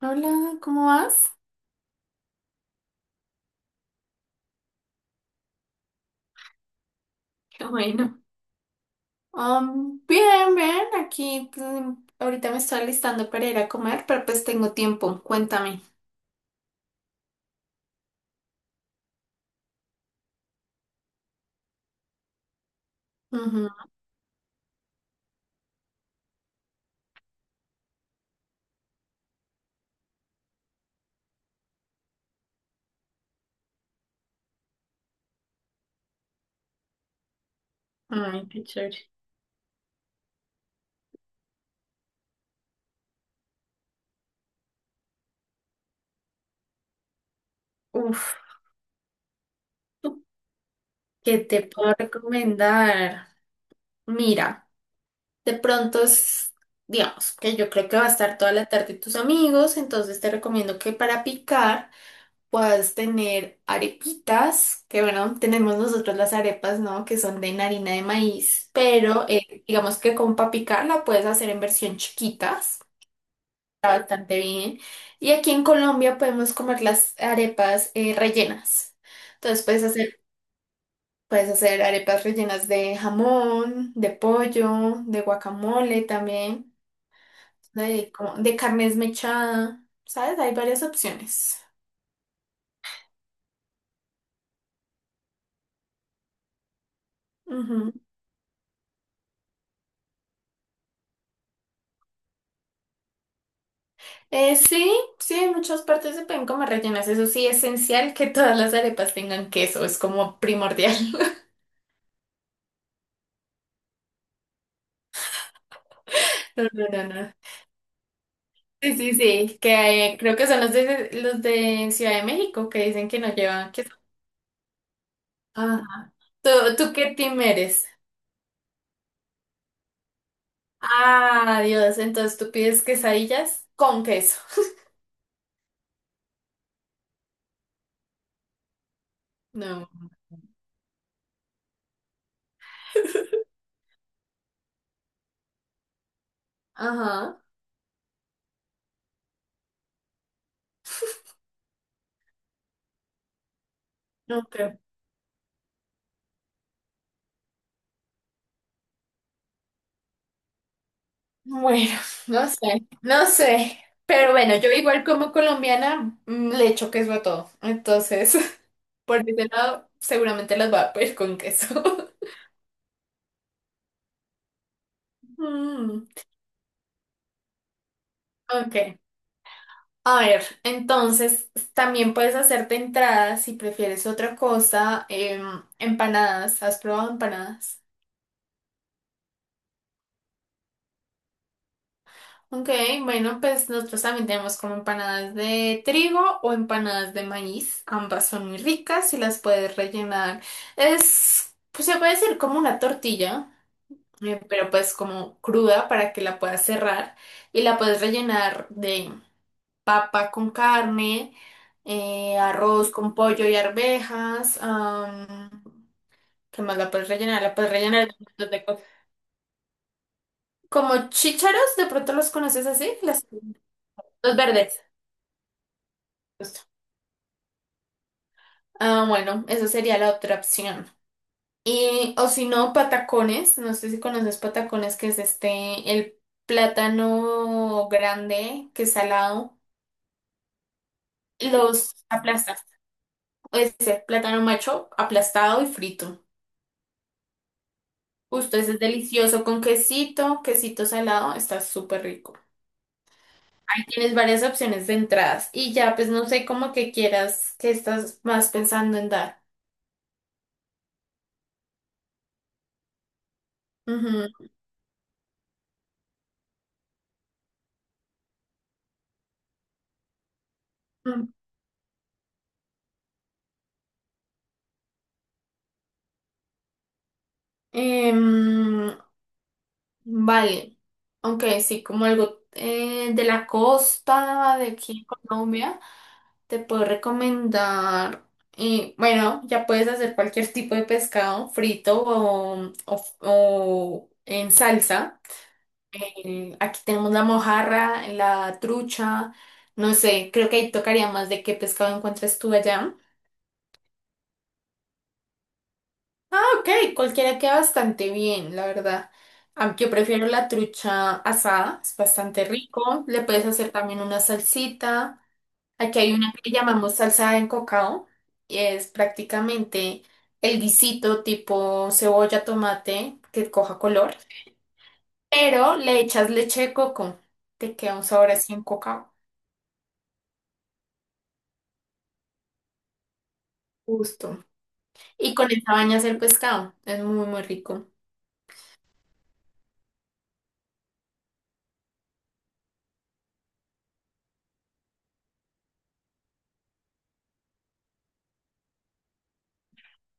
Hola, ¿cómo vas? Qué bueno. Bien, bien, aquí ahorita me estoy alistando para ir a comer, pero pues tengo tiempo, cuéntame. Ujú. Ay, qué chévere. Uf, ¿qué te puedo recomendar? Mira, de pronto es, digamos, que yo creo que va a estar toda la tarde tus amigos, entonces te recomiendo que para picar. Puedas tener arepitas, que bueno, tenemos nosotros las arepas, ¿no? Que son de harina de maíz, pero digamos que con papicar la puedes hacer en versión chiquitas, está bastante bien. Y aquí en Colombia podemos comer las arepas rellenas. Entonces puedes hacer arepas rellenas de jamón, de pollo, de guacamole también, de, de carne esmechada, ¿sabes? Hay varias opciones. Sí, sí, en muchas partes se pueden comer rellenas. Eso sí, esencial que todas las arepas tengan queso, es como primordial. No, no, no, no. Sí, sí, sí, que creo que son los de Ciudad de México que dicen que no llevan queso. Ah. ¿Tú, tú qué team eres? Ah, Dios, entonces tú pides quesadillas con queso. No. Ajá. No, creo. Bueno, no sé, no sé. Pero bueno, yo igual como colombiana le echo queso a todo. Entonces. Por ese lado, seguramente las va a pedir con queso. Mm, ok. A ver, entonces también puedes hacerte entradas si prefieres otra cosa. Empanadas. ¿Has probado empanadas? Ok, bueno, pues nosotros también tenemos como empanadas de trigo o empanadas de maíz. Ambas son muy ricas y las puedes rellenar. Es, pues se puede decir como una tortilla, pero pues como cruda para que la puedas cerrar y la puedes rellenar de papa con carne, arroz con pollo y arvejas. ¿Qué más la puedes rellenar? La puedes rellenar de un montón de cosas. Como chícharos, de pronto los conoces así, los verdes. Justo. Ah, bueno, esa sería la otra opción. Y, o si no, patacones. No sé si conoces patacones, que es este, el plátano grande, que es salado. Los aplastas. Ese plátano macho aplastado y frito. Justo, ese es delicioso con quesito, quesito salado, está súper rico. Ahí tienes varias opciones de entradas y ya, pues no sé cómo que quieras, que estás más pensando en dar. Ujú. Mm. Em, vale, aunque sí, como algo de la costa, de aquí en Colombia, te puedo recomendar, y bueno, ya puedes hacer cualquier tipo de pescado frito o en salsa. Aquí tenemos la mojarra, la trucha, no sé, creo que ahí tocaría más de qué pescado encuentres tú allá. Ok, cualquiera queda bastante bien, la verdad. Yo prefiero la trucha asada, es bastante rico. Le puedes hacer también una salsita. Aquí hay una que llamamos salsa de cocao y es prácticamente el guisito tipo cebolla, tomate, que coja color, pero le echas leche de coco. Te queda un sabor así en cocao. Justo. Y con esa baña hacer pescado. Es muy, muy rico.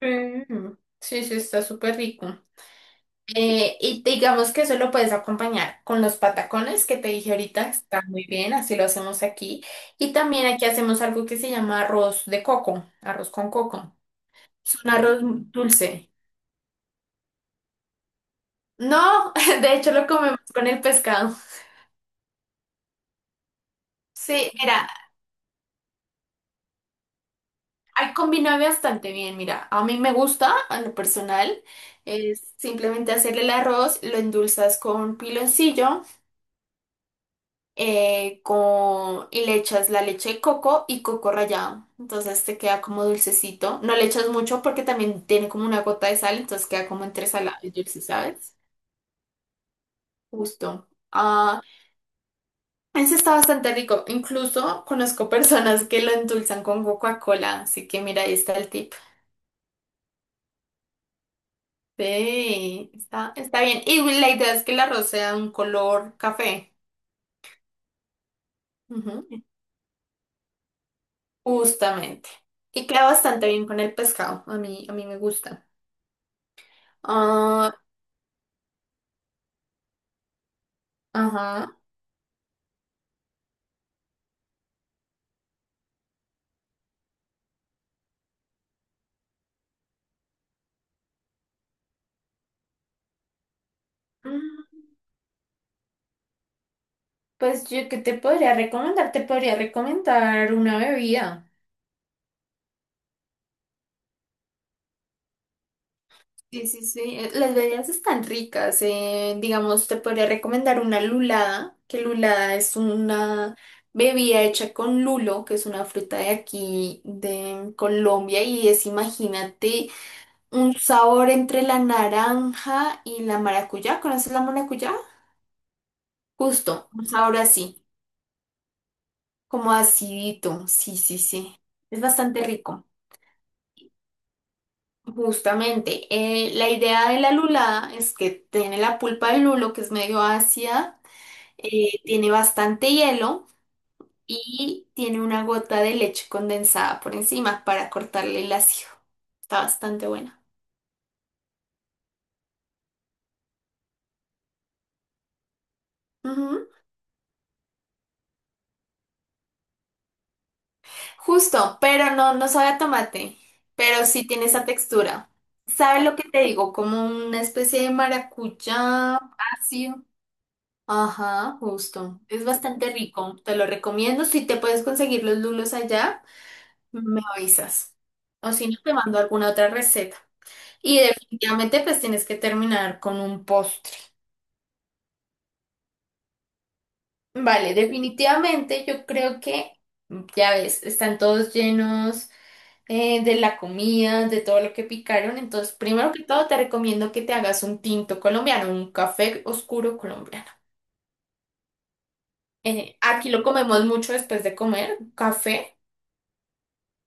Mm, sí, sí, está súper rico. Y digamos que eso lo puedes acompañar con los patacones que te dije ahorita, está muy bien, así lo hacemos aquí. Y también aquí hacemos algo que se llama arroz de coco, arroz con coco. Es un arroz dulce. No, de hecho lo comemos con el pescado. Sí, mira. Ay, combina bastante bien, mira, a mí me gusta, a lo personal, es simplemente hacerle el arroz, lo endulzas con piloncillo, y le echas la leche de coco y coco rallado, entonces te queda como dulcecito, no le echas mucho porque también tiene como una gota de sal, entonces queda como entre salado y dulce, ¿sabes? Justo. Ah, ese está bastante rico, incluso conozco personas que lo endulzan con Coca-Cola, así que mira, ahí está el tip. Sí, está, está bien. Y la idea es que el arroz sea un color café. Ujú. Justamente. Y queda bastante bien con el pescado. A mí me gusta. Ah, ajá. Mm, pues yo, ¿qué te podría recomendar? Te podría recomendar una bebida. Sí, sí, sí. Las bebidas están ricas. Digamos, te podría recomendar una lulada, que lulada es una bebida hecha con lulo, que es una fruta de aquí, de Colombia, y es, imagínate, un sabor entre la naranja y la maracuyá. ¿Conoces la maracuyá? Justo, un sabor así, como acidito. Sí, sí, sí. Es bastante rico. Justamente, la idea de la lulada es que tiene la pulpa del lulo, que es medio ácida tiene bastante hielo y tiene una gota de leche condensada por encima para cortarle el ácido. Está bastante buena. Ujú. Justo, pero no, no sabe a tomate, pero sí tiene esa textura. ¿Sabe lo que te digo? Como una especie de maracuyá ácido. Ajá, justo. Es bastante rico. Te lo recomiendo. Si te puedes conseguir los lulos allá, me avisas. O si no, te mando alguna otra receta. Y definitivamente pues tienes que terminar con un postre. Vale, definitivamente yo creo que, ya ves, están todos llenos de la comida, de todo lo que picaron. Entonces, primero que todo, te recomiendo que te hagas un tinto colombiano, un café oscuro colombiano. Aquí lo comemos mucho después de comer, café,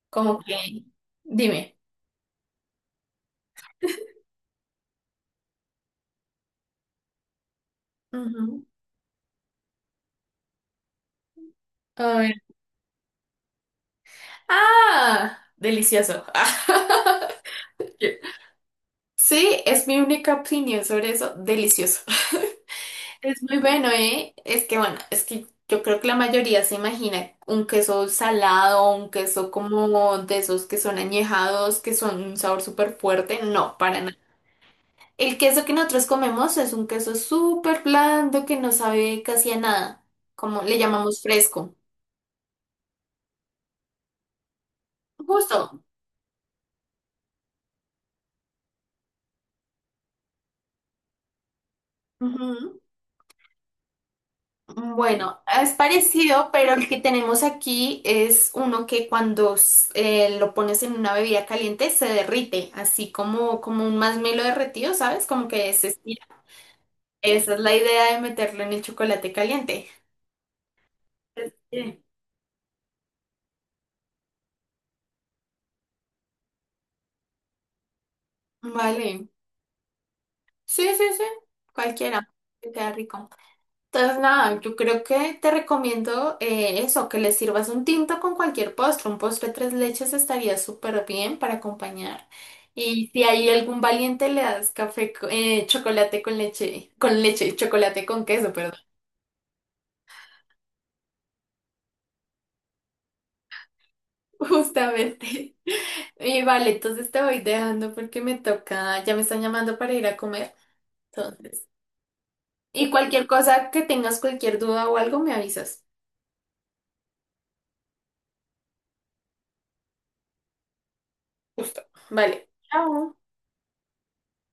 como que, dime. Ujú. A ver. Ah, delicioso. Sí, es mi única opinión sobre eso, delicioso. Es muy bueno, ¿eh? Es que bueno, es que yo creo que la mayoría se imagina un queso salado, un queso como de esos que son añejados, que son un sabor súper fuerte. No, para nada. El queso que nosotros comemos es un queso súper blando que no sabe casi a nada, como le llamamos fresco. Justo. Ujú. Mm, bueno, es parecido, pero el que tenemos aquí es uno que cuando lo pones en una bebida caliente se derrite, así como, como un masmelo derretido, ¿sabes? Como que se estira. Esa es la idea de meterlo en el chocolate caliente. Sí. Vale. Sí, sí, sí. Cualquiera. Te queda rico. Entonces, nada, yo creo que te recomiendo eso, que le sirvas un tinto con cualquier postre. Un postre tres leches estaría súper bien para acompañar. Y si hay algún valiente, le das café, chocolate con leche, chocolate con queso, perdón. Justamente. Y vale, entonces te voy dejando porque me toca, ya me están llamando para ir a comer. Entonces, y cualquier cosa que tengas, cualquier duda o algo, me avisas. Justo. Vale. Chao.